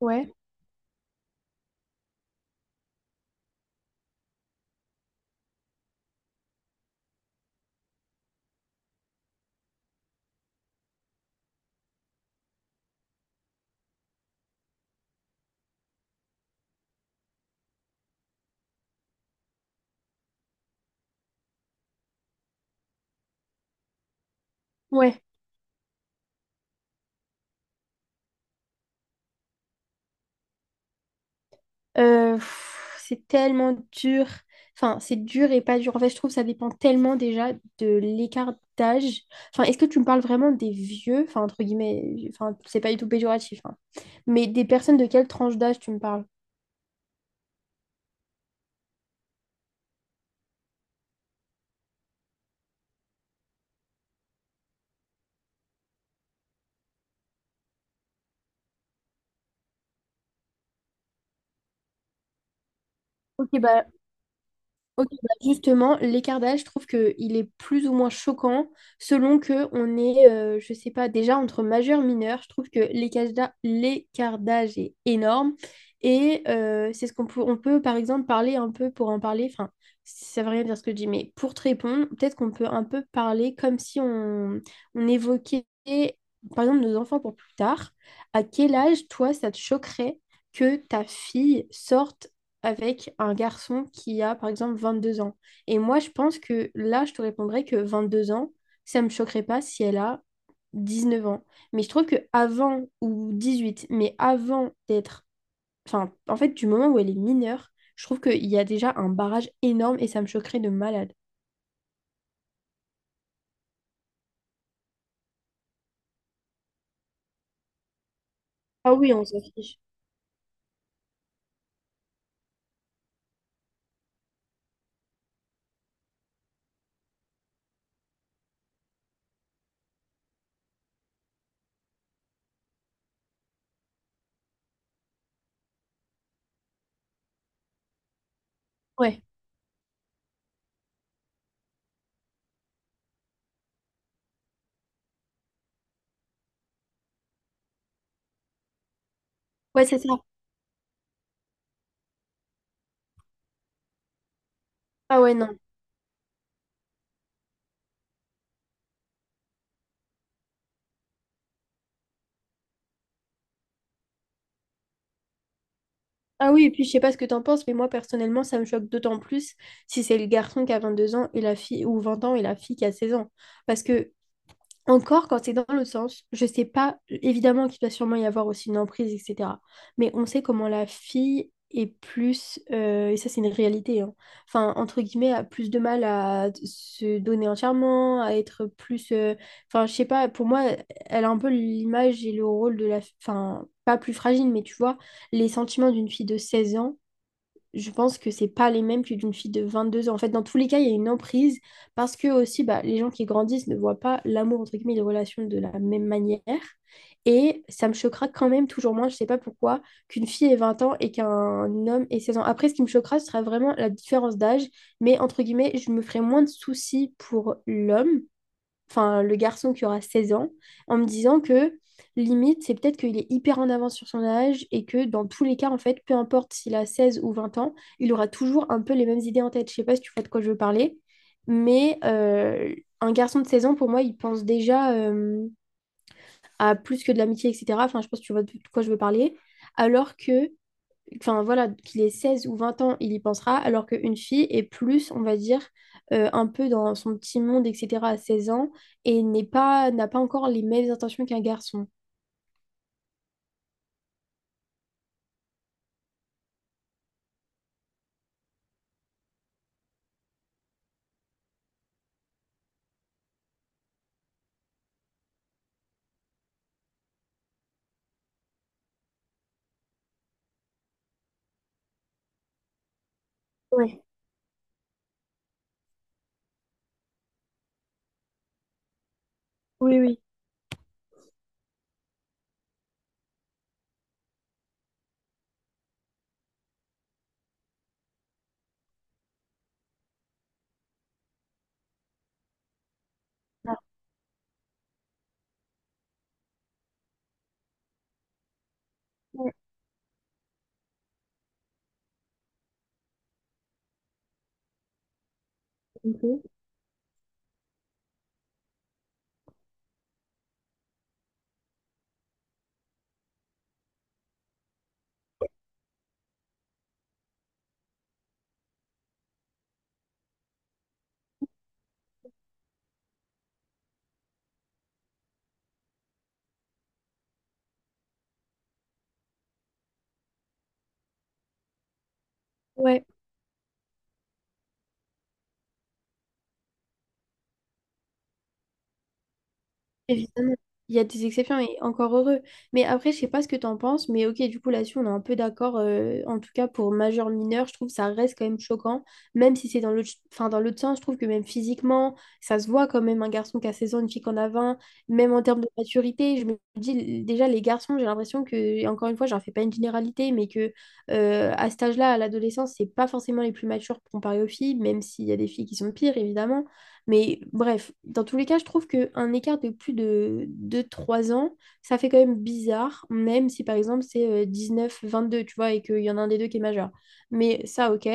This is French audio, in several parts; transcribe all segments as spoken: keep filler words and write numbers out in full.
Ouais, ouais. Euh, pff, c'est tellement dur. Enfin, c'est dur et pas dur. En fait, je trouve que ça dépend tellement déjà de l'écart d'âge. Enfin, est-ce que tu me parles vraiment des vieux? Enfin, entre guillemets, enfin, c'est pas du tout péjoratif, hein. Mais des personnes de quelle tranche d'âge tu me parles? Ok, bah Ok, bah justement, l'écart d'âge, je trouve qu'il est plus ou moins choquant selon que on est, euh, je sais pas, déjà entre majeur, mineur. Je trouve que l'écart d'a- l'écart d'âge est énorme. Et euh, c'est ce qu'on peut, on peut, par exemple, parler un peu pour en parler. Enfin, ça veut rien dire ce que je dis, mais pour te répondre, peut-être qu'on peut un peu parler comme si on, on évoquait, par exemple, nos enfants pour plus tard. À quel âge, toi, ça te choquerait que ta fille sorte avec un garçon qui a, par exemple, vingt deux ans. Et moi, je pense que là, je te répondrais que vingt deux ans, ça me choquerait pas si elle a dix neuf ans. Mais je trouve que avant, ou dix huit mais avant d'être... Enfin, en fait, du moment où elle est mineure, je trouve qu'il y a déjà un barrage énorme et ça me choquerait de malade. Ah oui, on s'en fiche. Ouais, ouais, c'est ça. Ah ouais, non. Ah oui, et puis je sais pas ce que t'en penses, mais moi personnellement, ça me choque d'autant plus si c'est le garçon qui a vingt deux ans et la fille, ou vingt ans et la fille qui a seize ans. Parce que Encore quand c'est dans le sens, je sais pas, évidemment qu'il doit sûrement y avoir aussi une emprise, etc. Mais on sait comment la fille est plus, euh, et ça c'est une réalité, hein, enfin, entre guillemets, a plus de mal à se donner entièrement, à être plus, euh, enfin, je sais pas, pour moi, elle a un peu l'image et le rôle de la, enfin, pas plus fragile, mais tu vois, les sentiments d'une fille de seize ans, je pense que c'est pas les mêmes que d'une fille de vingt-deux ans. En fait, dans tous les cas, il y a une emprise parce que aussi, bah, les gens qui grandissent ne voient pas l'amour, entre guillemets, les relations de la même manière. Et ça me choquera quand même toujours moins, je sais pas pourquoi, qu'une fille ait vingt ans et qu'un homme ait seize ans. Après, ce qui me choquera, ce sera vraiment la différence d'âge. Mais entre guillemets, je me ferai moins de soucis pour l'homme enfin le garçon qui aura seize ans, en me disant que limite, c'est peut-être qu'il est hyper en avance sur son âge et que dans tous les cas, en fait, peu importe s'il a seize ou vingt ans, il aura toujours un peu les mêmes idées en tête. Je sais pas si tu vois de quoi je veux parler, mais euh, un garçon de seize ans, pour moi, il pense déjà euh, à plus que de l'amitié, etc. Enfin, je pense que tu vois de quoi je veux parler. Alors que enfin voilà, qu'il ait seize ou vingt ans, il y pensera, alors qu'une fille est plus, on va dire, euh, un peu dans son petit monde, etc, à seize ans, et n'est pas, n'a pas encore les mêmes intentions qu'un garçon. Ouais. Oui, oui. Ah. Ouais. Ok. Ouais, évidemment, il y a des exceptions et encore heureux. Mais après, je sais pas ce que tu en penses, mais ok, du coup, là-dessus, on est un peu d'accord. Euh, en tout cas, pour majeur mineur, je trouve que ça reste quand même choquant, même si c'est dans l'autre, enfin, dans l'autre sens, je trouve que même physiquement, ça se voit quand même un garçon qui a seize ans, une fille qui en a vingt, même en termes de maturité. Je me dis, déjà, les garçons, j'ai l'impression que, et encore une fois, j'en fais pas une généralité, mais que euh, à cet âge-là, à l'adolescence, c'est pas forcément les plus matures comparé aux filles, même s'il y a des filles qui sont pires, évidemment. Mais bref, dans tous les cas, je trouve qu'un écart de plus de deux trois ans, ça fait quand même bizarre, même si par exemple c'est dix neuf vingt deux tu vois, et qu'il y en a un des deux qui est majeur. Mais ça, ok.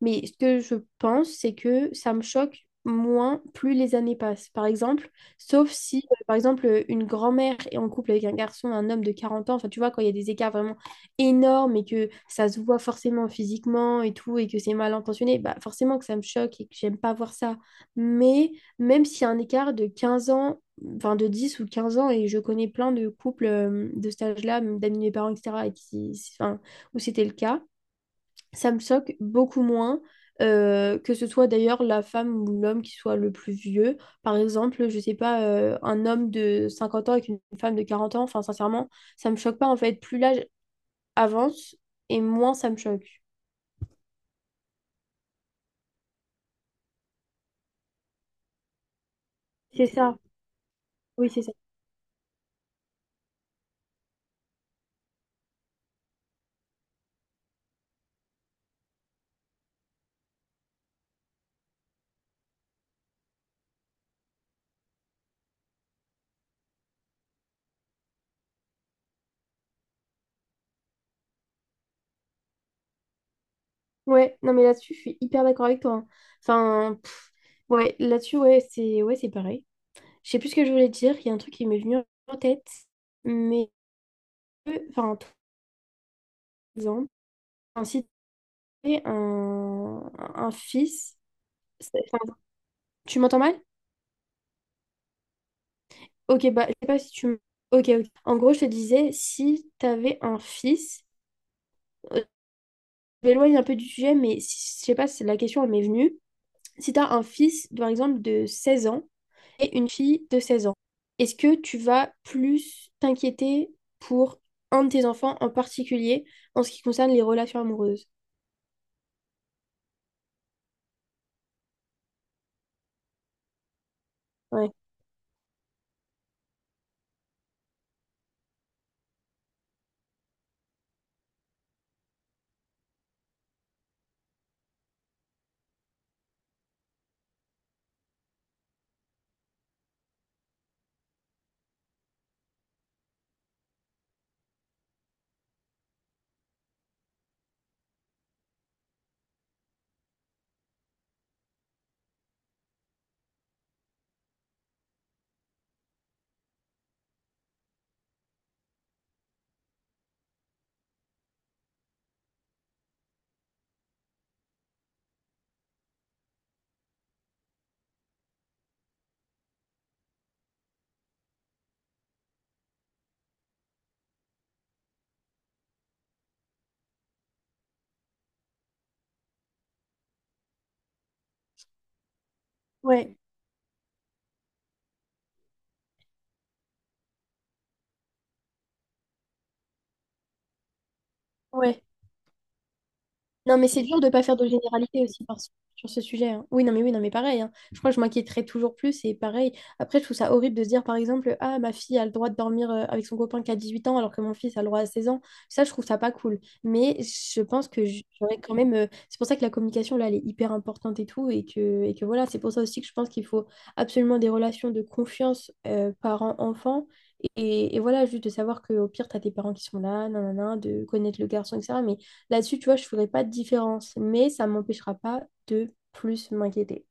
Mais ce que je pense, c'est que ça me choque moins plus les années passent. Par exemple, sauf si, euh, par exemple, une grand-mère est en couple avec un garçon, un homme de quarante ans, enfin, tu vois, quand il y a des écarts vraiment énormes et que ça se voit forcément physiquement et tout, et que c'est mal intentionné, bah forcément que ça me choque et que j'aime pas voir ça. Mais même s'il y a un écart de quinze ans, enfin de dix ou quinze ans, et je connais plein de couples euh, de cet âge-là, même d'amis de mes parents, etc, et qui, enfin, où c'était le cas, ça me choque beaucoup moins euh, que ce soit d'ailleurs la femme ou l'homme qui soit le plus vieux. Par exemple, je sais pas, euh, un homme de cinquante ans avec une femme de quarante ans, enfin sincèrement, ça me choque pas en fait. Plus l'âge avance et moins ça me choque. C'est ça, oui, c'est ça. Ouais, non mais là-dessus, je suis hyper d'accord avec toi. hein. Enfin, ouais, là-dessus, ouais, c'est ouais, c'est pareil. Je sais plus ce que je voulais dire, il y a un truc qui m'est venu en tête, mais enfin, par exemple, enfin, si tu avais un, un fils, c'est- enfin, tu m'entends mal? Ok, bah, je sais pas si tu m- Ok, ok. En gros, je te disais, si tu avais un fils, euh, je m'éloigne un peu du sujet, mais si- je sais pas, c'est la question, elle m'est venue. si tu as un fils, par exemple, de seize ans et une fille de seize ans, est-ce que tu vas plus t'inquiéter pour un de tes enfants en particulier en ce qui concerne les relations amoureuses? Ouais, ouais, ouais. Non, mais c'est dur de ne pas faire de généralité aussi par- sur ce sujet. hein. Oui, non, mais oui, non, mais pareil. hein. Je crois que je m'inquiéterais toujours plus et pareil. Après, je trouve ça horrible de se dire, par exemple, ah, ma fille a le droit de dormir euh, avec son copain qui a dix-huit ans alors que mon fils a le droit à seize ans. Ça, je trouve ça pas cool. Mais je pense que j- j'aurais quand même. euh, C'est pour ça que la communication, là, elle est hyper importante et tout. Et que, et que voilà, c'est pour ça aussi que je pense qu'il faut absolument des relations de confiance euh, parents-enfants. Et, et voilà, juste de savoir qu'au pire, tu as tes parents qui sont là, nanana, de connaître le garçon, etc. Mais Là-dessus, tu vois, je ferai pas de différence, mais ça m'empêchera pas de plus m'inquiéter.